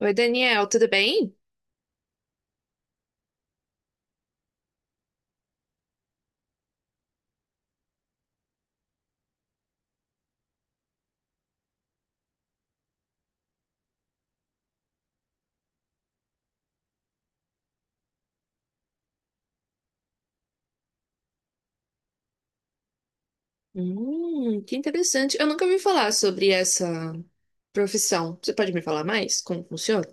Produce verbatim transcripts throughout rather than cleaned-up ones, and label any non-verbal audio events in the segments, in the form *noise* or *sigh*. Oi, Daniel, tudo bem? Hum, que interessante. Eu nunca ouvi falar sobre essa profissão. Você pode me falar mais como funciona?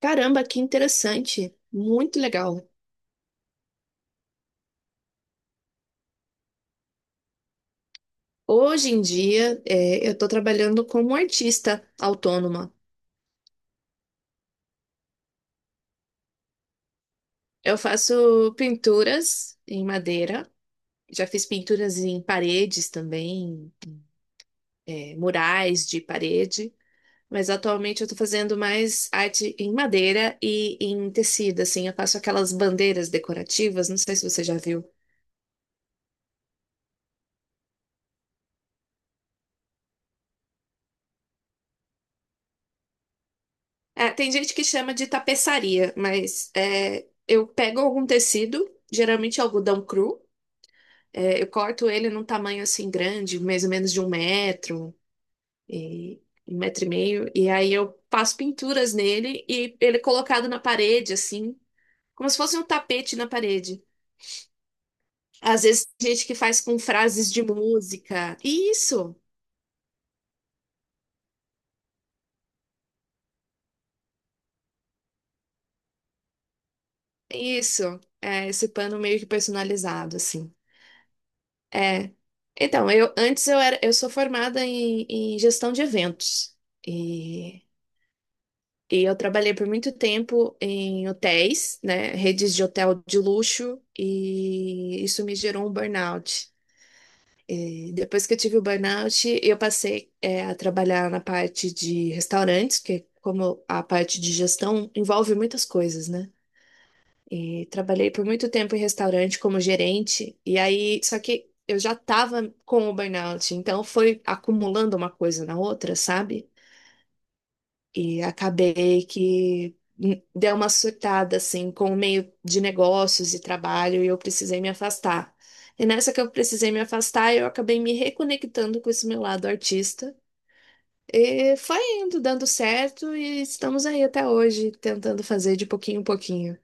Caramba, que interessante. Muito legal. Hoje em dia, é, eu estou trabalhando como artista autônoma. Eu faço pinturas em madeira. Já fiz pinturas em paredes também, é, murais de parede. Mas atualmente eu tô fazendo mais arte em madeira e em tecido, assim. Eu faço aquelas bandeiras decorativas, não sei se você já viu. É, tem gente que chama de tapeçaria, mas é, eu pego algum tecido, geralmente algodão cru, é, eu corto ele num tamanho assim grande, mais ou menos de um metro, e, um metro e meio, e aí eu passo pinturas nele e ele é colocado na parede, assim, como se fosse um tapete na parede. Às vezes tem gente que faz com frases de música. Isso, isso. É esse pano meio que personalizado, assim. É. Então, eu antes eu era, eu sou formada em, em gestão de eventos. E, e eu trabalhei por muito tempo em hotéis, né? Redes de hotel de luxo, e isso me gerou um burnout. E depois que eu tive o burnout, eu passei, é, a trabalhar na parte de restaurantes, que é como a parte de gestão envolve muitas coisas, né? E trabalhei por muito tempo em restaurante como gerente, e aí, só que eu já estava com o burnout, então foi acumulando uma coisa na outra, sabe? E acabei que hum, deu uma surtada assim com o meio de negócios e trabalho e eu precisei me afastar. E nessa que eu precisei me afastar, eu acabei me reconectando com esse meu lado artista. E foi indo, dando certo, e estamos aí até hoje, tentando fazer de pouquinho em pouquinho.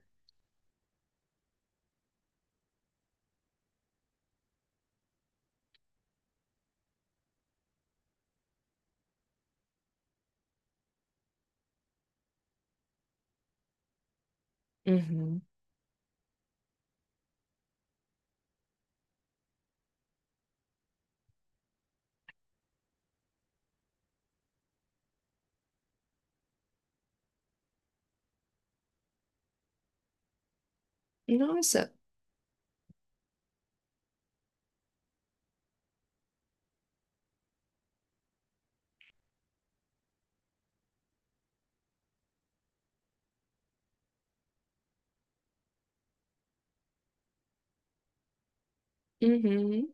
Uhum. Nossa. Uhum.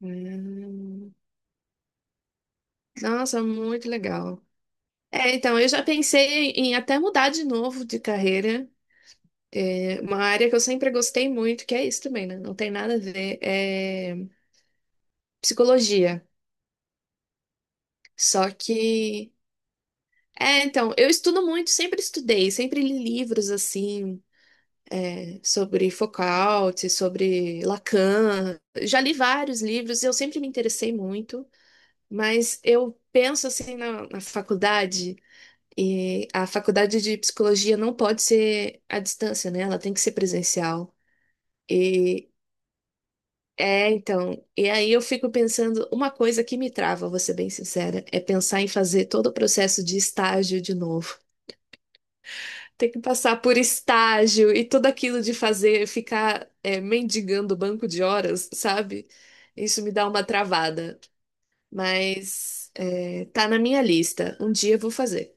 Hum. Nossa, muito legal. É, então, eu já pensei em até mudar de novo de carreira. É, uma área que eu sempre gostei muito, que é isso também, né? Não tem nada a ver, é psicologia. Só que. É, então, eu estudo muito, sempre estudei, sempre li livros assim, é, sobre Foucault, sobre Lacan. Já li vários livros, eu sempre me interessei muito, mas eu penso assim na na faculdade. E a faculdade de psicologia não pode ser à distância, né? Ela tem que ser presencial. E é, então, e aí eu fico pensando, uma coisa que me trava, vou ser bem sincera, é pensar em fazer todo o processo de estágio de novo. Ter que passar por estágio e tudo aquilo de fazer, ficar é, mendigando banco de horas, sabe? Isso me dá uma travada. Mas é, tá na minha lista. Um dia eu vou fazer.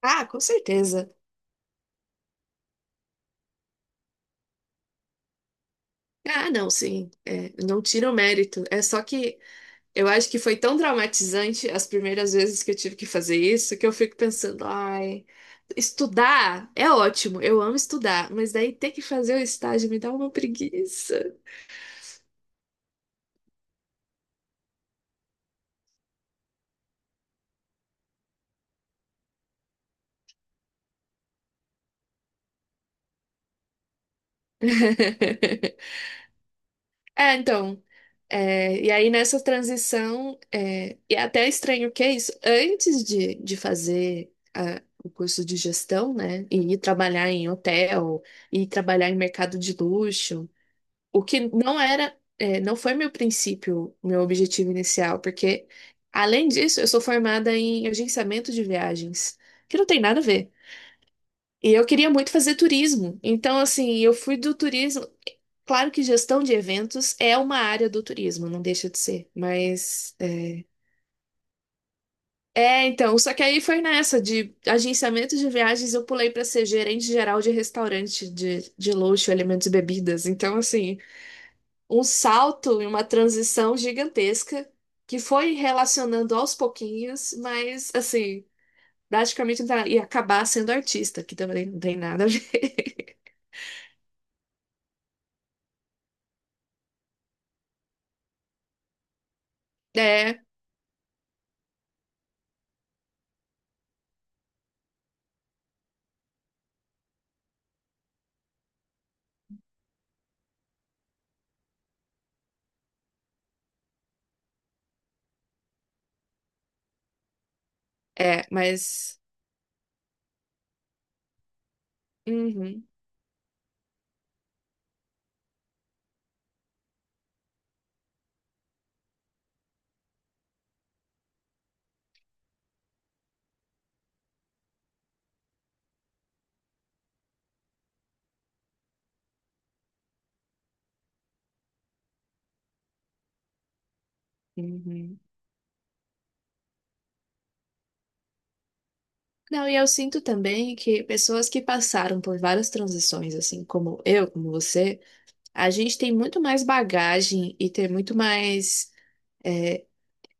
Ah, com certeza. Ah, não, sim. É, não tira o mérito. É só que eu acho que foi tão traumatizante as primeiras vezes que eu tive que fazer isso que eu fico pensando, ai, estudar é ótimo, eu amo estudar, mas daí ter que fazer o estágio me dá uma preguiça. *laughs* É, então. É, e aí nessa transição, é, e é até estranho que é isso, antes de, de fazer ah, o curso de gestão, né, e ir trabalhar em hotel, ir trabalhar em mercado de luxo. O que não era, é, não foi meu princípio, meu objetivo inicial, porque, além disso, eu sou formada em agenciamento de viagens, que não tem nada a ver. E eu queria muito fazer turismo. Então, assim, eu fui do turismo. Claro que gestão de eventos é uma área do turismo, não deixa de ser, mas é, é, então, só que aí foi nessa de agenciamento de viagens, eu pulei para ser gerente geral de restaurante de, de luxo, alimentos e bebidas. Então, assim, um salto e uma transição gigantesca que foi relacionando aos pouquinhos, mas assim, praticamente tá- ia acabar sendo artista, que também não tem nada a ver. *laughs* É, é, mas. Uhum, uhum. Não, e eu sinto também que pessoas que passaram por várias transições, assim como eu, como você, a gente tem muito mais bagagem e tem muito mais,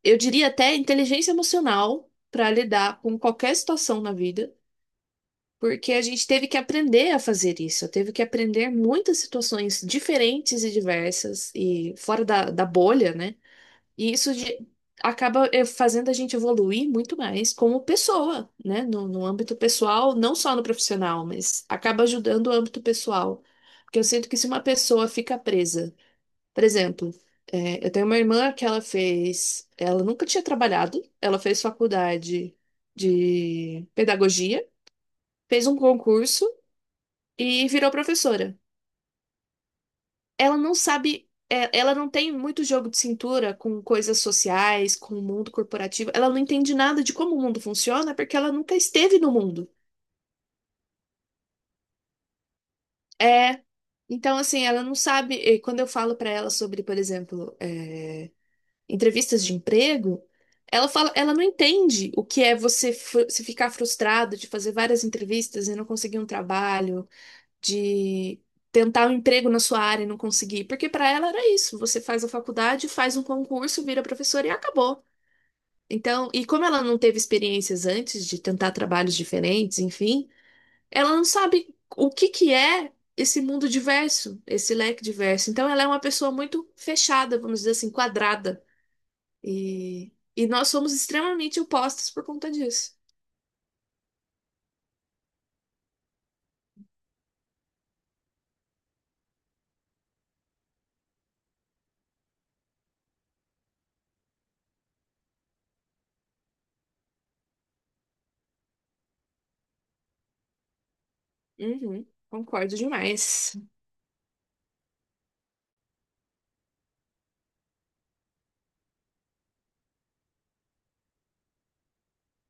eu diria até inteligência emocional para lidar com qualquer situação na vida. Porque a gente teve que aprender a fazer isso. Eu teve que aprender muitas situações diferentes e diversas e fora da, da bolha, né? E isso de- acaba eh, fazendo a gente evoluir muito mais como pessoa, né? No, no âmbito pessoal, não só no profissional, mas acaba ajudando o âmbito pessoal. Porque eu sinto que se uma pessoa fica presa, por exemplo, eh, eu tenho uma irmã que ela fez, ela nunca tinha trabalhado, ela fez faculdade de pedagogia, fez um concurso e virou professora. Ela não sabe, é, ela não tem muito jogo de cintura com coisas sociais, com o mundo corporativo. Ela não entende nada de como o mundo funciona porque ela nunca esteve no mundo. É, então assim, ela não sabe. E quando eu falo pra ela sobre, por exemplo, é, entrevistas de emprego, ela fala, ela não entende o que é você fru- se ficar frustrado de fazer várias entrevistas e não conseguir um trabalho de tentar um emprego na sua área e não conseguir, porque para ela era isso, você faz a faculdade, faz um concurso, vira professora e acabou. Então, e como ela não teve experiências antes de tentar trabalhos diferentes, enfim, ela não sabe o que que é esse mundo diverso, esse leque diverso. Então, ela é uma pessoa muito fechada, vamos dizer assim, quadrada. E, e nós somos extremamente opostos por conta disso. Uhum, concordo demais.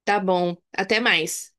Tá bom, até mais.